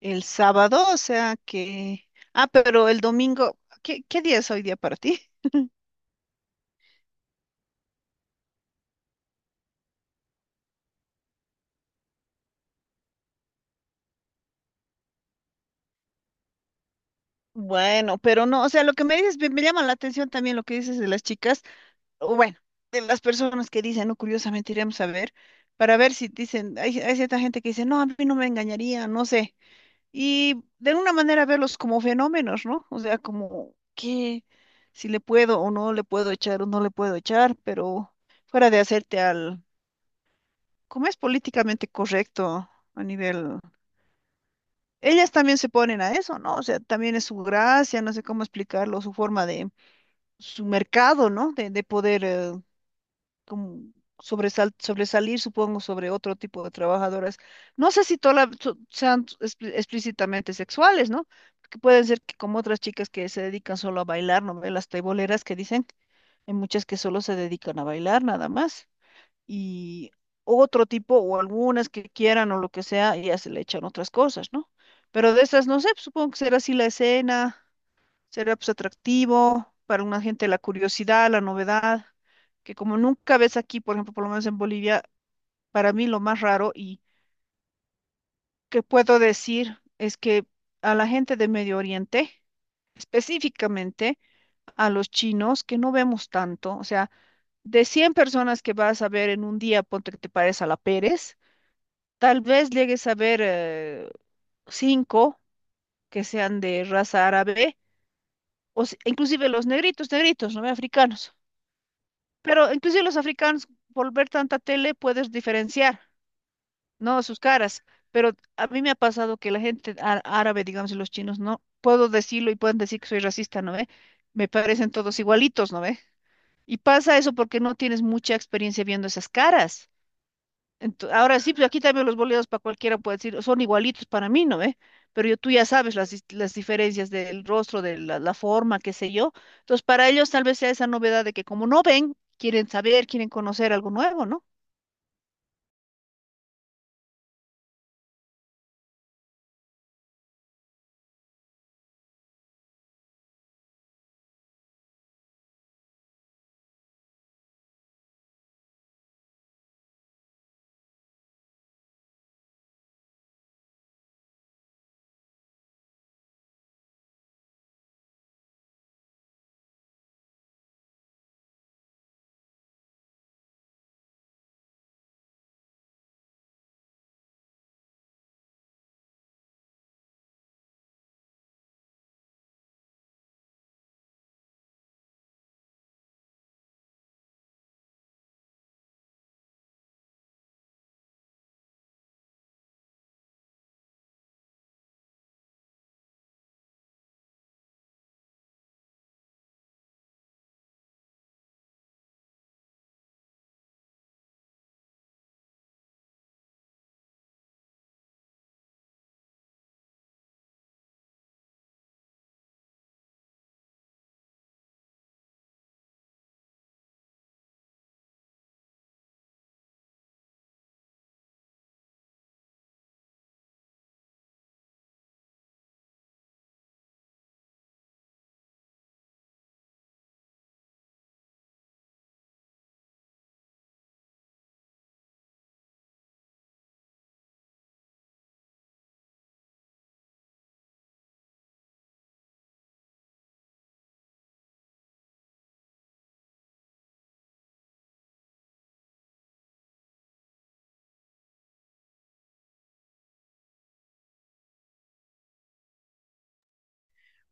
El sábado, o sea que... Ah, pero el domingo, ¿qué día es hoy día para ti? Bueno, pero no, o sea, lo que me dices, me llama la atención también lo que dices de las chicas, o bueno, de las personas que dicen, no, curiosamente iremos a ver, para ver si dicen, hay cierta gente que dice, no, a mí no me engañaría, no sé, y de alguna manera verlos como fenómenos, ¿no? O sea, como que si le puedo o no le puedo echar o no le puedo echar, pero fuera de hacerte al como es políticamente correcto a nivel... Ellas también se ponen a eso, ¿no? O sea, también es su gracia, no sé cómo explicarlo, su forma de, su mercado, ¿no? De poder como sobresalir, supongo, sobre otro tipo de trabajadoras. No sé si todas sean explícitamente sexuales, ¿no? Porque pueden ser que como otras chicas que se dedican solo a bailar, ¿no? Ve Las teiboleras que dicen, hay muchas que solo se dedican a bailar, nada más y otro tipo o algunas que quieran o lo que sea, y ya se le echan otras cosas, ¿no? Pero de esas, no sé, pues, supongo que será así la escena, será pues atractivo para una gente la curiosidad, la novedad, que como nunca ves aquí, por ejemplo, por lo menos en Bolivia, para mí lo más raro y que puedo decir es que a la gente de Medio Oriente, específicamente a los chinos, que no vemos tanto, o sea, de 100 personas que vas a ver en un día, ponte que te parezca a la Pérez, tal vez llegues a ver cinco que sean de raza árabe, o si- inclusive los negritos, negritos, no africanos. Pero inclusive los africanos, por ver tanta tele, puedes diferenciar, ¿no? Sus caras. Pero a mí me ha pasado que la gente árabe, digamos, y los chinos, no puedo decirlo y pueden decir que soy racista, ¿no ve? Me parecen todos igualitos, ¿no ve? Y pasa eso porque no tienes mucha experiencia viendo esas caras. Ahora sí, pues aquí también los boleados para cualquiera puede decir, son igualitos para mí, ¿no ve? Pero yo, tú ya sabes las, las diferencias del rostro, de la, la forma, qué sé yo. Entonces, para ellos tal vez sea esa novedad de que como no ven, quieren saber, quieren conocer algo nuevo, ¿no?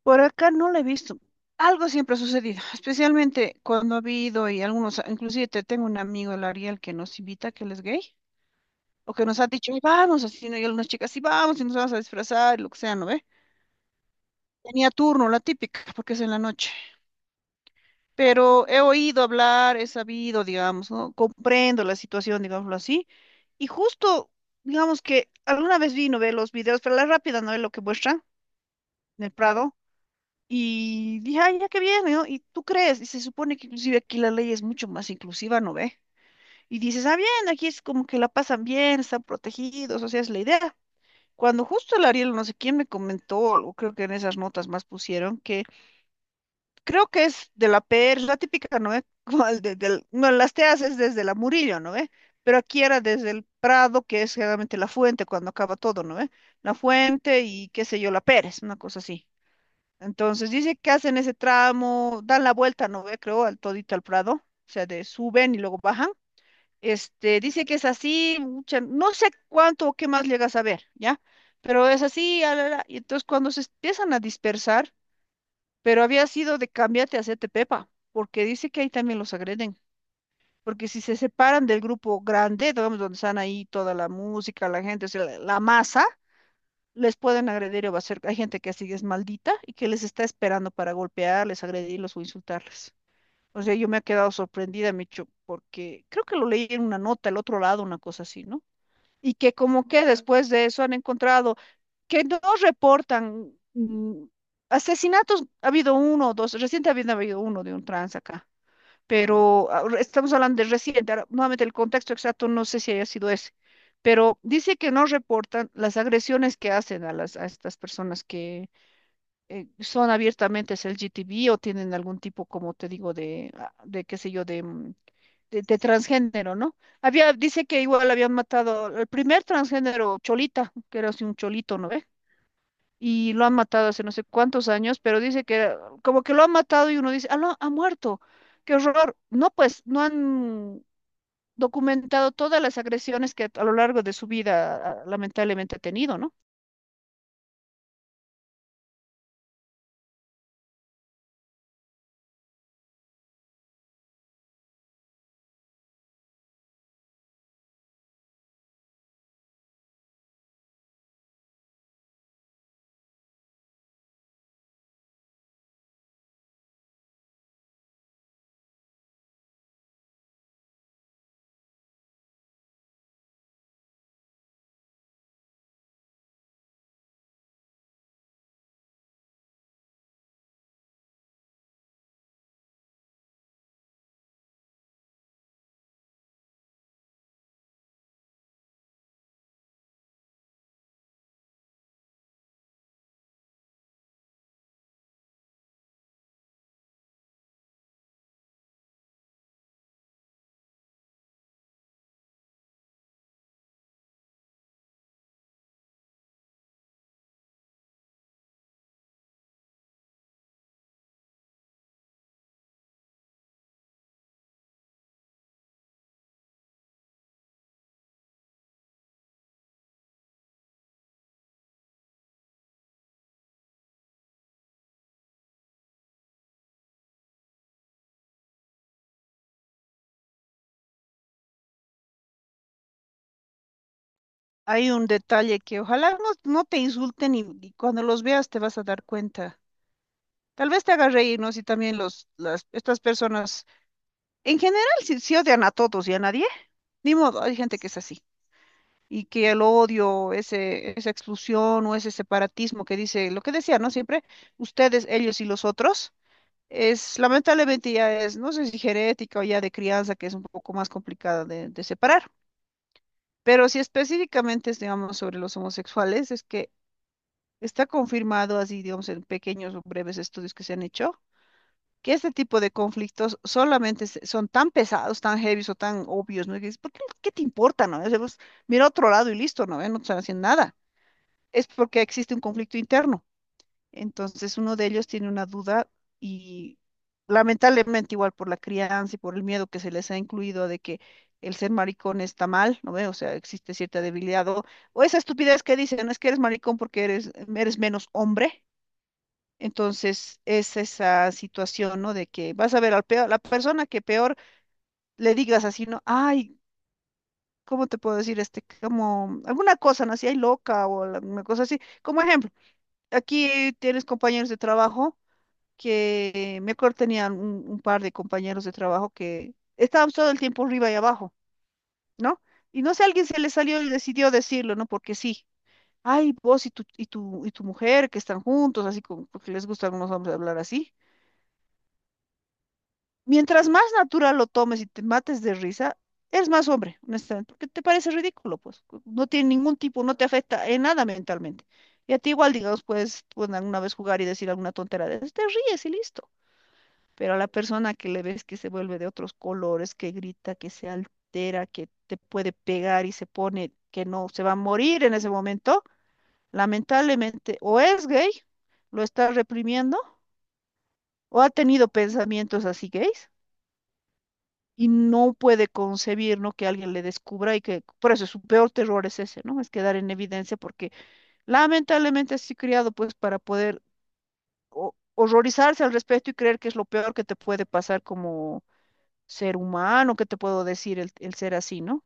Por acá no lo he visto. Algo siempre ha sucedido, especialmente cuando ha habido y algunos, inclusive te tengo un amigo, el Ariel, que nos invita, que él es gay, o que nos ha dicho, "Ay, vamos, así, ¿no? Y algunas chicas, sí, vamos, y nos vamos a disfrazar, y lo que sea, ¿no ve? Tenía turno, la típica, porque es en la noche. Pero he oído hablar, he sabido, digamos, ¿no? Comprendo la situación, digámoslo así, y justo, digamos que alguna vez vino ver los videos, pero la rápida no es lo que muestran en el Prado, y dije, ay, ya que viene, ¿no? Y tú crees, y se supone que inclusive aquí la ley es mucho más inclusiva, ¿no ve? Y dices, ah, bien, aquí es como que la pasan bien, están protegidos, o sea, es la idea. Cuando justo el Ariel, no sé quién me comentó, o creo que en esas notas más pusieron, que creo que es de la PR, es la típica, ¿no ve? Como el no, las te haces desde la Murillo, ¿no ve? Pero aquí era desde el Prado, que es generalmente la fuente cuando acaba todo, ¿no ve? La fuente y qué sé yo, la Pérez, una cosa así. Entonces dice que hacen ese tramo, dan la vuelta, ¿no ve? Creo, al todito al Prado, o sea, de suben y luego bajan. Este, dice que es así, no sé cuánto o qué más llegas a ver, ¿ya? Pero es así, ah, la, y entonces cuando se empiezan a dispersar, pero había sido de cámbiate a hacerte pepa, porque dice que ahí también los agreden, porque si se separan del grupo grande, digamos, donde están ahí toda la música, la gente, o sea, la masa, les pueden agredir o hacer, hay gente que así es maldita y que les está esperando para golpearles, agredirlos o insultarles. O sea, yo me he quedado sorprendida, Micho, porque creo que lo leí en una nota, el otro lado, una cosa así, ¿no? Y que como que después de eso han encontrado que no reportan asesinatos, ha habido uno o dos, reciente había habido uno de un trans acá, pero ah, estamos hablando de reciente, ahora, nuevamente el contexto exacto no sé si haya sido ese, pero dice que no reportan las agresiones que hacen a las a estas personas que son abiertamente es LGTB o tienen algún tipo, como te digo, de, ah, de qué sé yo, de, de transgénero, ¿no? Había, dice que igual habían matado al primer transgénero, Cholita, que era así un cholito, ¿no? Y lo han matado hace no sé cuántos años, pero dice que era- como que lo han matado y uno dice, ah, no, ha muerto, qué horror. No, pues no han documentado todas las agresiones que a lo largo de su vida ah, lamentablemente ha tenido, ¿no? Hay un detalle que ojalá no, no te insulten y cuando los veas te vas a dar cuenta. Tal vez te haga reír, ¿no? Si también los, las, estas personas, en general, si, si odian a todos y a nadie, ni modo, hay gente que es así. Y que el odio, ese, esa exclusión o ese separatismo que dice, lo que decía, ¿no? Siempre, ustedes, ellos y los otros, es lamentablemente ya es, no sé si genética o ya de crianza, que es un poco más complicada de separar. Pero si específicamente es, digamos, sobre los homosexuales, es que está confirmado así, digamos, en pequeños o breves estudios que se han hecho, que este tipo de conflictos solamente son tan pesados, tan heavies o tan obvios, ¿no? Y dices, ¿por qué, qué te importa, no? O sea, pues, mira a otro lado y listo, ¿no? No te están haciendo nada. Es porque existe un conflicto interno. Entonces uno de ellos tiene una duda y lamentablemente igual por la crianza y por el miedo que se les ha incluido de que el ser maricón está mal, ¿no ve? O sea, existe cierta debilidad o esa estupidez que dicen, es que eres maricón porque eres, eres menos hombre. Entonces es esa situación, ¿no? De que vas a ver al peor, la persona que peor le digas así, ¿no? Ay, ¿cómo te puedo decir este? Como alguna cosa, ¿no? Así, ay, loca o alguna cosa así, como ejemplo. Aquí tienes compañeros de trabajo que me acuerdo tenían un par de compañeros de trabajo que estaban todo el tiempo arriba y abajo, ¿no? Y no sé, alguien se le salió y decidió decirlo, ¿no? Porque sí. Ay, vos y tu, y tu, y tu mujer que están juntos, así como porque les gusta a algunos hombres hablar así. Mientras más natural lo tomes y te mates de risa, eres más hombre, honestamente, porque te parece ridículo, pues. No tiene ningún tipo, no te afecta en nada mentalmente. Y a ti igual, digamos, puedes, pueden alguna vez jugar y decir alguna tontera de esas, te ríes y listo. Pero a la persona que le ves que se vuelve de otros colores, que grita, que se altera, que te puede pegar y se pone que no, se va a morir en ese momento, lamentablemente o es gay, lo está reprimiendo, o ha tenido pensamientos así gays y no puede concebir, ¿no? Que alguien le descubra y que por eso su peor terror es ese, ¿no? Es quedar en evidencia porque lamentablemente así criado pues para poder horrorizarse al respecto y creer que es lo peor que te puede pasar como ser humano, ¿qué te puedo decir el ser así, ¿no?